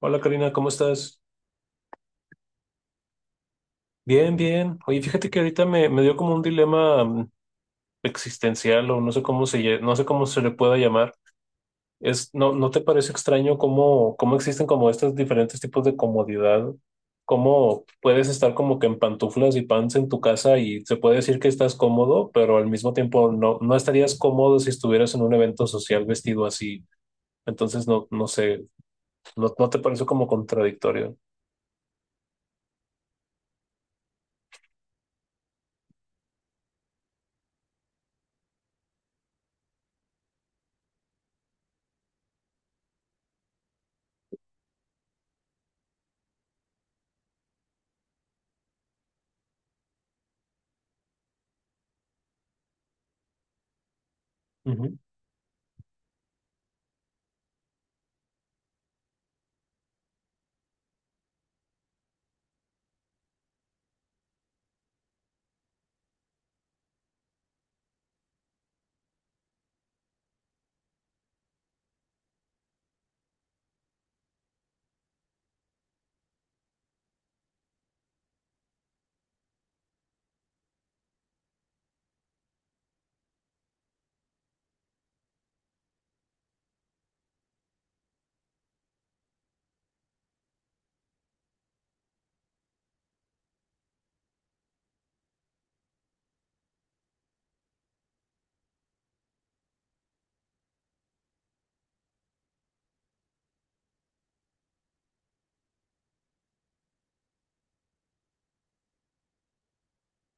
Hola Karina, ¿cómo estás? Bien, bien. Oye, fíjate que ahorita me dio como un dilema existencial o no sé cómo no sé cómo se le pueda llamar. Es, ¿no te parece extraño cómo existen como estos diferentes tipos de comodidad? ¿Cómo puedes estar como que en pantuflas y pants en tu casa y se puede decir que estás cómodo, pero al mismo tiempo no estarías cómodo si estuvieras en un evento social vestido así? Entonces, no, no sé, ¿no te parece como contradictorio?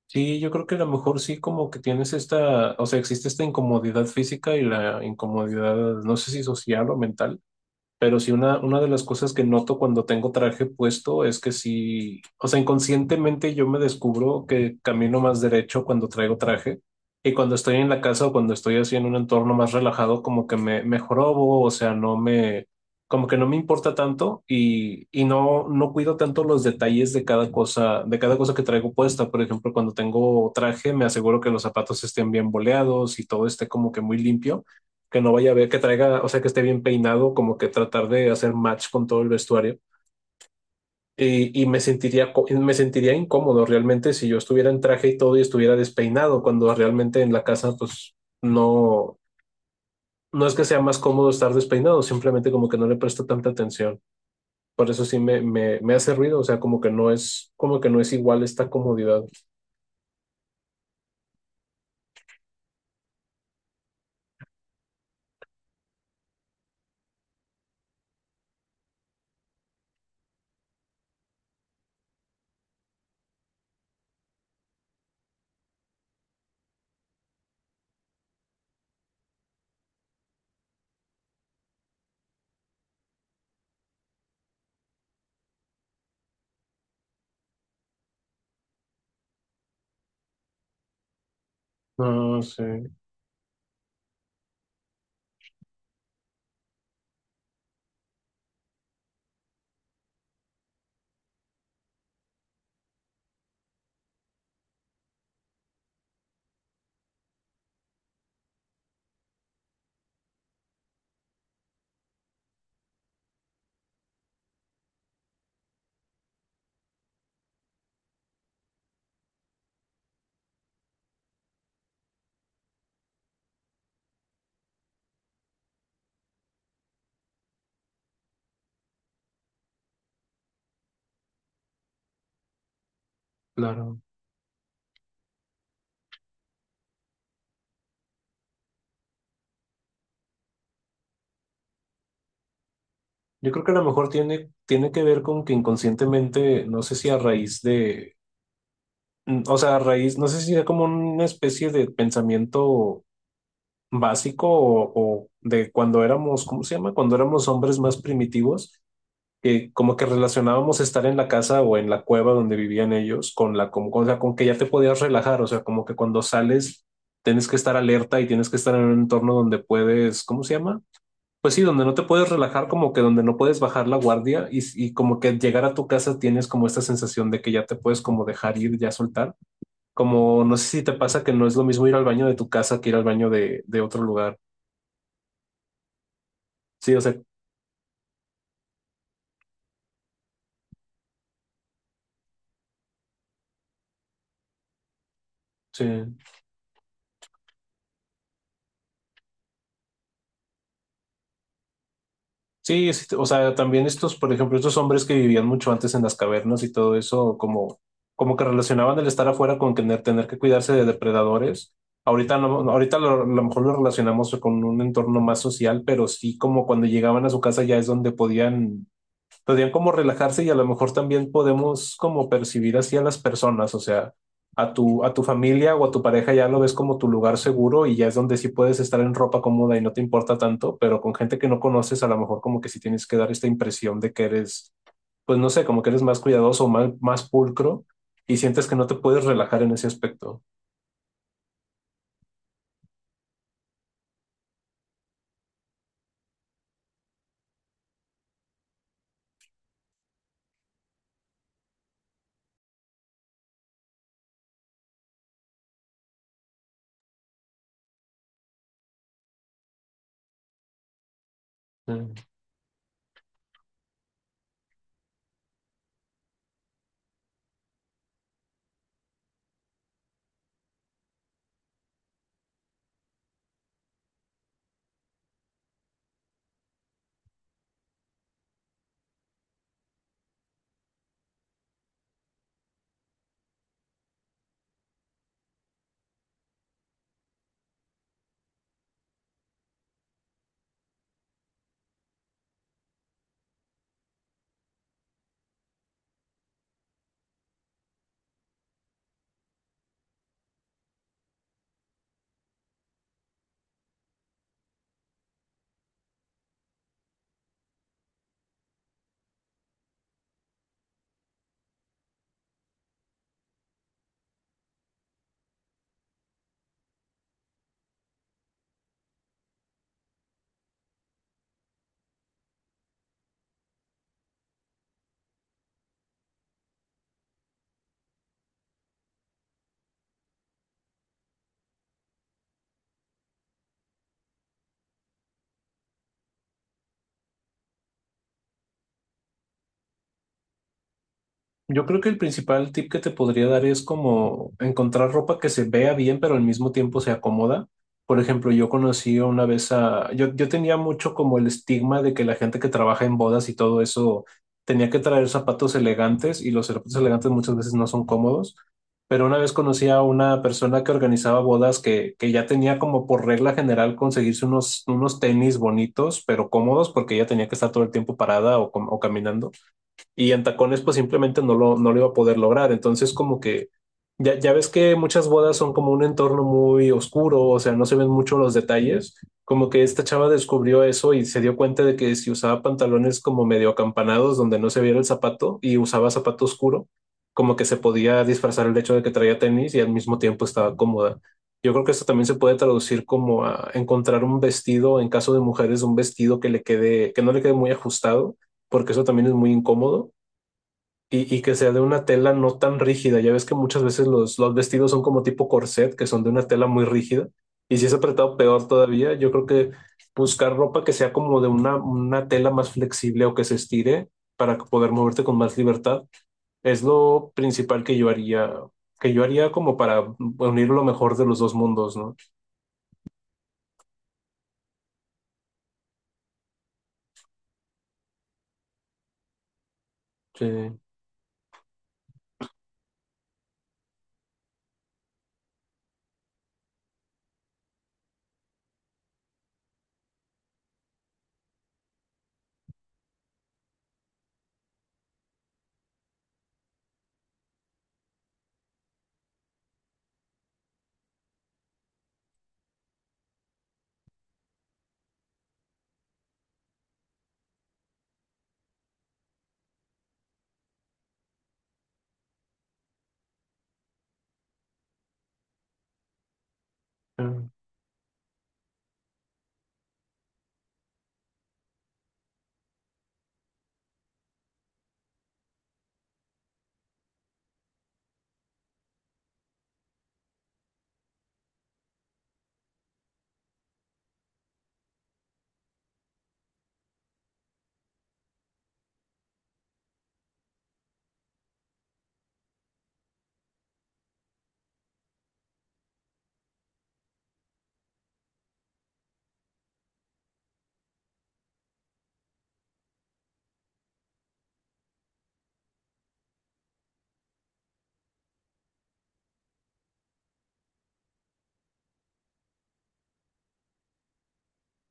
Sí, yo creo que a lo mejor sí como que tienes esta, o sea, existe esta incomodidad física y la incomodidad, no sé si social o mental. Pero sí, una de las cosas que noto cuando tengo traje puesto es que sí, o sea, inconscientemente yo me descubro que camino más derecho cuando traigo traje y cuando estoy en la casa o cuando estoy así en un entorno más relajado, como que me jorobo, o sea, no me, como que no me importa tanto y no, no cuido tanto los detalles de cada cosa que traigo puesta. Por ejemplo, cuando tengo traje, me aseguro que los zapatos estén bien boleados y todo esté como que muy limpio que no vaya a ver, que traiga, o sea, que esté bien peinado, como que tratar de hacer match con todo el vestuario. Y me sentiría, co- me sentiría incómodo realmente si yo estuviera en traje y todo y estuviera despeinado, cuando realmente en la casa, pues no, no es que sea más cómodo estar despeinado, simplemente como que no le presto tanta atención. Por eso sí me hace ruido, o sea, como que no es, como que no es igual esta comodidad. No, sí, claro. Yo creo que a lo mejor tiene, tiene que ver con que inconscientemente, no sé si a raíz de, o sea, a raíz, no sé si era como una especie de pensamiento básico o de cuando éramos, ¿cómo se llama? Cuando éramos hombres más primitivos, que como que relacionábamos estar en la casa o en la cueva donde vivían ellos con la, o sea, con que ya te podías relajar, o sea, como que cuando sales tienes que estar alerta y tienes que estar en un entorno donde puedes, ¿cómo se llama? Pues sí, donde no te puedes relajar, como que donde no puedes bajar la guardia y como que llegar a tu casa tienes como esta sensación de que ya te puedes como dejar ir, ya soltar. Como no sé si te pasa que no es lo mismo ir al baño de tu casa que ir al baño de otro lugar. Sí, o sea, sí. Sí, sí, o sea, también estos, por ejemplo, estos hombres que vivían mucho antes en las cavernas y todo eso, como, como que relacionaban el estar afuera con tener, tener que cuidarse de depredadores. Ahorita no, no, ahorita lo- a lo mejor lo relacionamos con un entorno más social, pero sí como cuando llegaban a su casa ya es donde podían podrían como relajarse y a lo mejor también podemos como percibir así a las personas, o sea, a tu familia o a tu pareja ya lo ves como tu lugar seguro y ya es donde sí puedes estar en ropa cómoda y no te importa tanto, pero con gente que no conoces a lo mejor como que sí tienes que dar esta impresión de que eres, pues no sé, como que eres más cuidadoso o más, más pulcro y sientes que no te puedes relajar en ese aspecto. Mm. Yo creo que el principal tip que te podría dar es como encontrar ropa que se vea bien, pero al mismo tiempo se acomoda. Por ejemplo, yo conocí una vez a... Yo tenía mucho como el estigma de que la gente que trabaja en bodas y todo eso tenía que traer zapatos elegantes y los zapatos elegantes muchas veces no son cómodos. Pero una vez conocí a una persona que organizaba bodas que ya tenía como por regla general conseguirse unos tenis bonitos, pero cómodos porque ella tenía que estar todo el tiempo parada o com- o caminando y en tacones pues simplemente no lo, no lo iba a poder lograr. Entonces como que ya ves que muchas bodas son como un entorno muy oscuro, o sea, no se ven mucho los detalles. Como que esta chava descubrió eso y se dio cuenta de que si usaba pantalones como medio acampanados donde no se viera el zapato y usaba zapato oscuro, como que se podía disfrazar el hecho de que traía tenis y al mismo tiempo estaba cómoda. Yo creo que esto también se puede traducir como a encontrar un vestido, en caso de mujeres, un vestido que le quede, que no le quede muy ajustado, porque eso también es muy incómodo y que sea de una tela no tan rígida. Ya ves que muchas veces los vestidos son como tipo corset, que son de una tela muy rígida. Y si es apretado, peor todavía. Yo creo que buscar ropa que sea como de una tela más flexible o que se estire para poder moverte con más libertad es lo principal que yo haría como para unir lo mejor de los dos mundos, ¿no? Sí.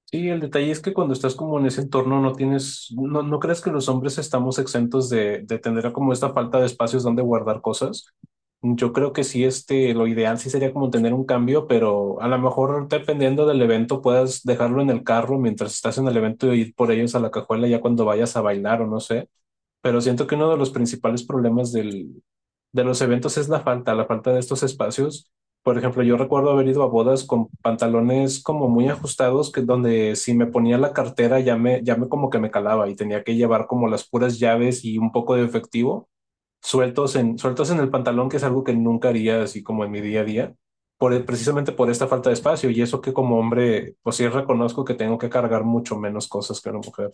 Sí, el detalle es que cuando estás como en ese entorno no tienes, no, no crees que los hombres estamos exentos de tener como esta falta de espacios donde guardar cosas. Yo creo que sí, este, lo ideal sí sería como tener un cambio, pero a lo mejor dependiendo del evento puedas dejarlo en el carro mientras estás en el evento y ir por ellos a la cajuela ya cuando vayas a bailar o no sé pero siento que uno de los principales problemas del, de los eventos es la falta de estos espacios. Por ejemplo, yo recuerdo haber ido a bodas con pantalones como muy ajustados, que donde si me ponía la cartera ya me como que me calaba y tenía que llevar como las puras llaves y un poco de efectivo sueltos en, sueltos en el pantalón, que es algo que nunca haría así como en mi día a día, por, el- precisamente por esta falta de espacio. Y eso que como hombre, pues sí reconozco que tengo que cargar mucho menos cosas que una mujer.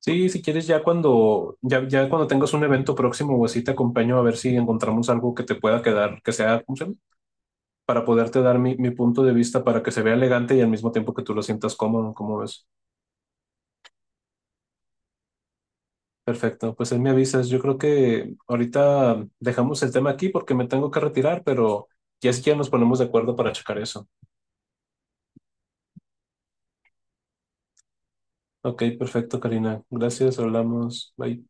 Sí, si quieres, ya cuando, ya, ya cuando tengas un evento próximo o así, te acompaño a ver si encontramos algo que te pueda quedar, que sea, ¿cómo se llama? Para poderte dar mi, mi punto de vista para que se vea elegante y al mismo tiempo que tú lo sientas cómodo, ¿cómo ves? Perfecto, pues ahí me avisas. Yo creo que ahorita dejamos el tema aquí porque me tengo que retirar, pero ya es que ya nos ponemos de acuerdo para checar eso. Ok, perfecto, Karina. Gracias, hablamos. Bye.